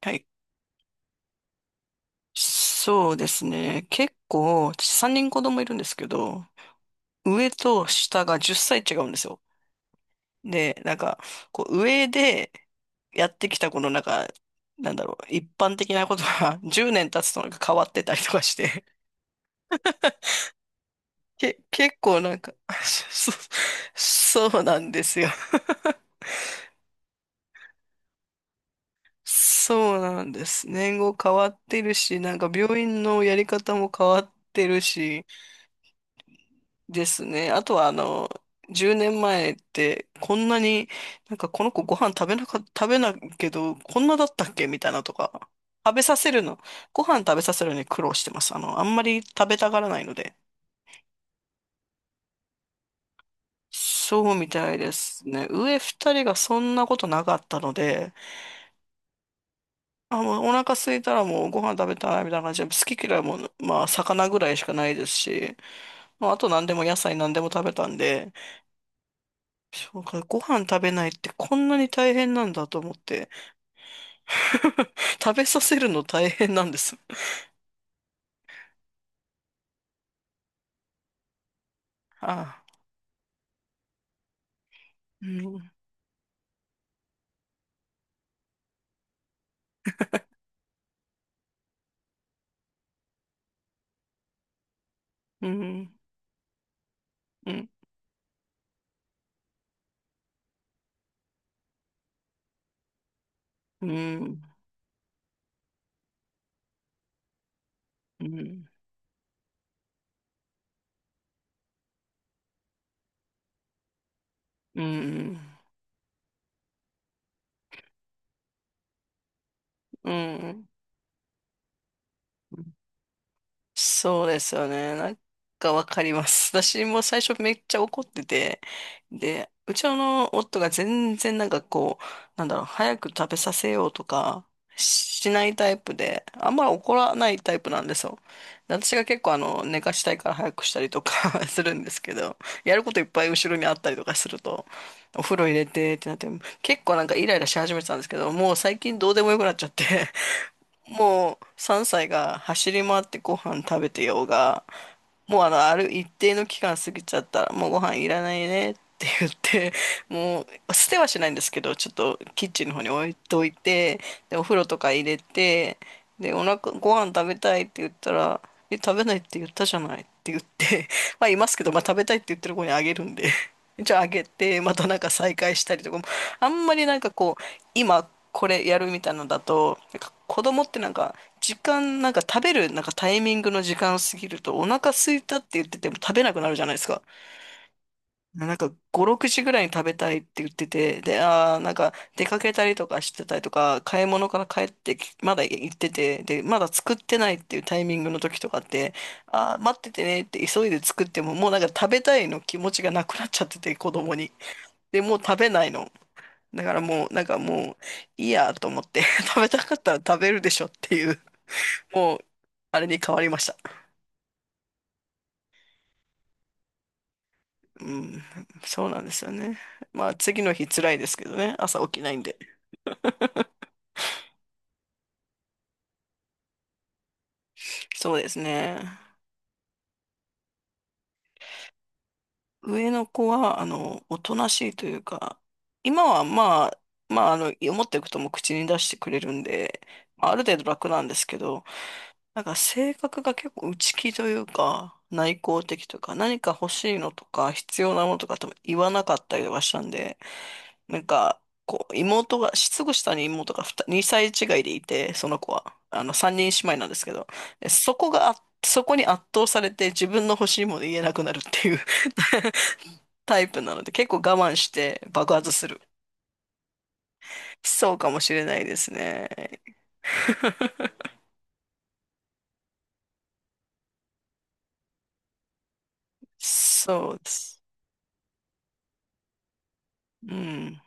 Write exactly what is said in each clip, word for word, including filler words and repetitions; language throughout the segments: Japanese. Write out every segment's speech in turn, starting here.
はい。そうですね。結構、私さんにん子供いるんですけど、上と下がじゅっさい違うんですよ。で、なんか、こう上でやってきたこのなんか、なんだろう、一般的なことが じゅうねん経つとなんか変わってたりとかして、け、結構なんか そう、そうなんですよ。そうなんです。年号変わってるし、なんか病院のやり方も変わってるし、ですね。あとは、あの、じゅうねんまえって、こんなに、なんかこの子ご飯食べなか、食べないけど、こんなだったっけみたいなとか、食べさせるの、ご飯食べさせるのに苦労してます。あの、あんまり食べたがらないので。そうみたいですね。上二人がそんなことなかったので、あ、もうお腹空いたらもうご飯食べたいみたいな感じで、好き嫌いも、まあ、魚ぐらいしかないですし、まあ、あと何でも野菜何でも食べたんで、そうか、ご飯食べないってこんなに大変なんだと思って。食べさせるの大変なんです。ああ。うん、うん、うん、うん、うん、うん、うん。うんそうですよね。なんかわかります。私も最初めっちゃ怒ってて、で、うちの夫が全然なんかこう、なんだろう、早く食べさせようとかしないタイプで、あんま怒らないタイプなんですよ。で私が結構あの、寝かしたいから早くしたりとか するんですけど、やることいっぱい後ろにあったりとかすると、お風呂入れてってなって、結構なんかイライラし始めてたんですけど、もう最近どうでもよくなっちゃってもうさんさいが走り回ってご飯食べてようが、もうあの、ある一定の期間過ぎちゃったら、もうご飯いらないねって言って、もう捨てはしないんですけど、ちょっとキッチンの方に置いといて、で、お風呂とか入れて、で、お腹、ご飯食べたいって言ったら、え、食べないって言ったじゃないって言って、まあいますけど、まあ食べたいって言ってる子にあげるんで、じゃああげて、またなんか再会したりとかも、あんまりなんかこう、今これやるみたいなのだと、なんか子供ってなんか、時間、なんか食べる、なんかタイミングの時間過ぎると、お腹空いたって言ってても食べなくなるじゃないですか。なんかご、ろくじぐらいに食べたいって言ってて、で、あーなんか出かけたりとかしてたりとか、買い物から帰ってき、まだ行ってて、で、まだ作ってないっていうタイミングの時とかって、あー待っててねって急いで作っても、もうなんか食べたいの気持ちがなくなっちゃってて、子供に。で、もう食べないの。だからもう、なんかもう、いいやと思って、食べたかったら食べるでしょっていう、もう、あれに変わりました。うん、そうなんですよね。まあ、次の日辛いですけどね、朝起きないんで。そうですね。上の子は、あの、おとなしいというか、今はまあ、まあ、あの、思ってることも口に出してくれるんで、まあある程度楽なんですけど、なんか性格が結構内気というか、内向的というか、何か欲しいのとか、必要なものとかとも言わなかったりとかしたんで、なんか、こう、妹が、すぐ下に妹がに、歳違いでいて、その子は、あの、さんにん姉妹なんですけど、でそこがあ、そこに圧倒されて自分の欲しいもの言えなくなるっていう タイプなので、結構我慢して爆発する。そうかもしれないですね。そうです。うん。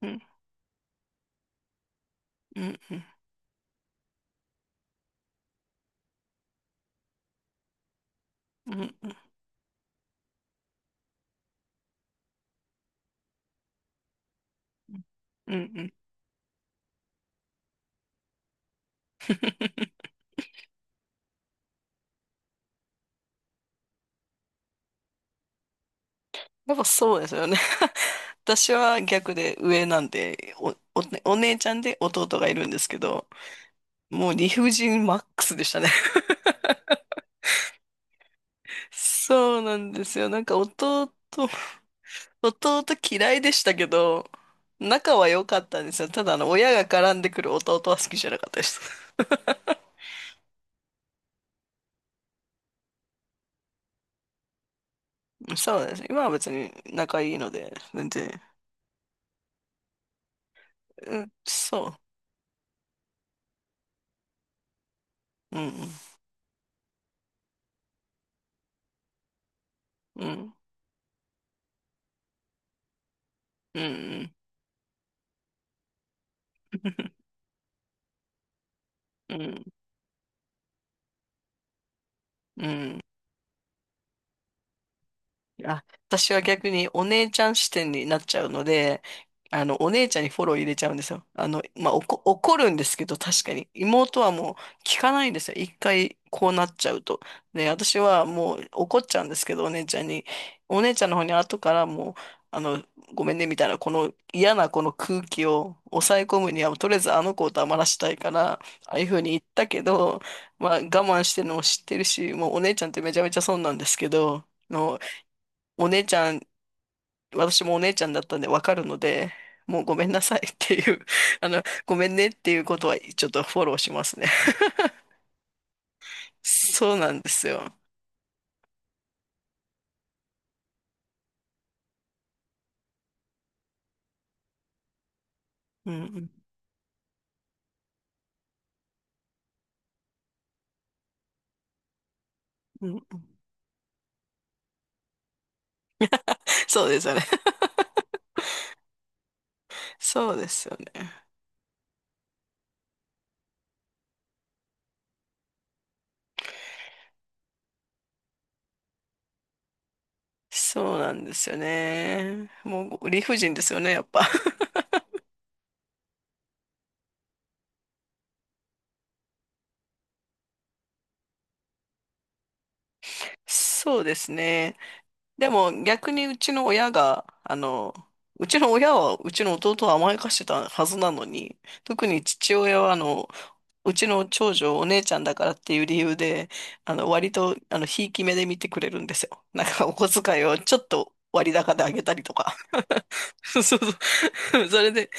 うん。うん。うんうんうんうんうんやっぱそうですよね。私は逆で上なんで、お、お、お姉ちゃんで弟がいるんですけど、もう理不尽マックスでしたね。そうなんですよ。なんか弟、弟嫌いでしたけど、仲は良かったんですよ。ただあの、親が絡んでくる弟は好きじゃなかったです。そうです。今は別に仲いいので、全然、うん、そう。うん、うん、うん、うん、うん、うん。うんあ、私は逆にお姉ちゃん視点になっちゃうので、あの、お姉ちゃんにフォロー入れちゃうんですよ。あの、まあ、おこ怒るんですけど、確かに。妹はもう聞かないんですよ。一回こうなっちゃうと。で、私はもう怒っちゃうんですけど、お姉ちゃんに。お姉ちゃんの方に後からもう、あの、ごめんね、みたいな、この嫌なこの空気を抑え込むには、とりあえずあの子を黙らしたいから、ああいうふうに言ったけど、まあ、我慢してるのも知ってるし、もうお姉ちゃんってめちゃめちゃ損なんですけど、のお姉ちゃん、私もお姉ちゃんだったんでわかるので、もうごめんなさい っていう、あの、ごめんねっていうことはちょっとフォローしますね。そうなんですよ。うん、うん、うんそうですよね。そうですよね。そうなんですよね。もう理不尽ですよね、やっぱ。そうですね。でも逆にうちの親が、あの、うちの親はうちの弟を甘やかしてたはずなのに、特に父親はあの、うちの長女、お姉ちゃんだからっていう理由で、あの、割と、あの、ひいき目で見てくれるんですよ。なんか、お小遣いをちょっと割高であげたりとか。そうそう。それで、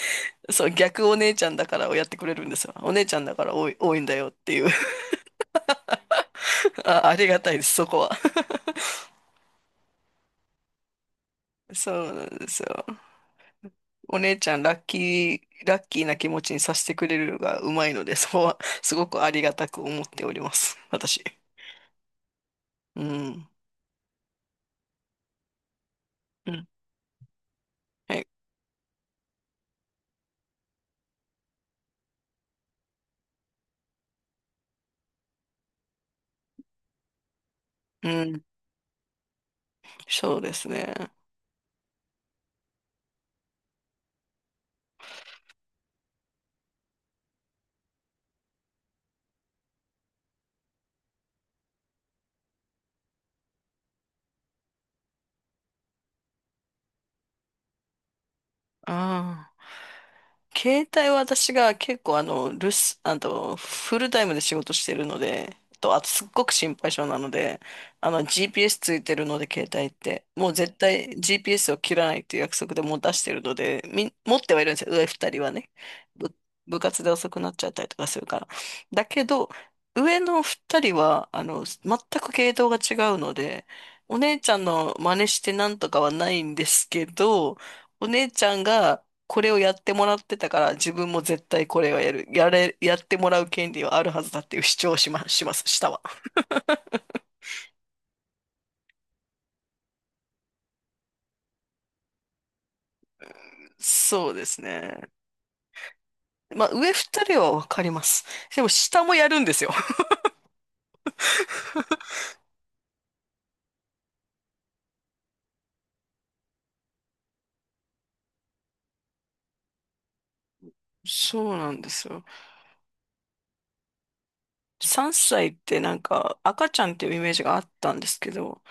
そう、逆お姉ちゃんだからをやってくれるんですよ。お姉ちゃんだから多い、多いんだよっていう。あ、ありがたいです、そこは。そうなんですよ。お姉ちゃん、ラッキー、ラッキーな気持ちにさせてくれるのがうまいので、そこは、すごくありがたく思っております。私。うん。うん。はい。うん。そうですね。ああ。携帯は私が結構あの、留守、あと、フルタイムで仕事してるので、と、あとすっごく心配性なので、あの、ジーピーエス ついてるので、携帯って。もう絶対 ジーピーエス を切らないっていう約束でもう出してるので、みん、持ってはいるんですよ、上二人はね。部、部活で遅くなっちゃったりとかするから。だけど、上の二人は、あの、全く系統が違うので、お姉ちゃんの真似してなんとかはないんですけど、お姉ちゃんが、これをやってもらってたから自分も絶対これをやる、やれ、やってもらう権利はあるはずだっていう主張をしま、します、下は。そうですね。まあ上二人はわかります。でも下もやるんですよ。そうなんですよ。さんさいってなんか赤ちゃんっていうイメージがあったんですけど、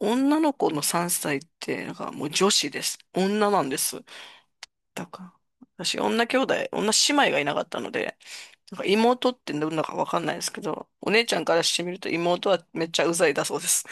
女の子のさんさいってなんかもう女子です。女なんです。だから、私女兄弟、女姉妹がいなかったので、なんか妹ってどんなかわかんないですけど、お姉ちゃんからしてみると妹はめっちゃうざいだそうです。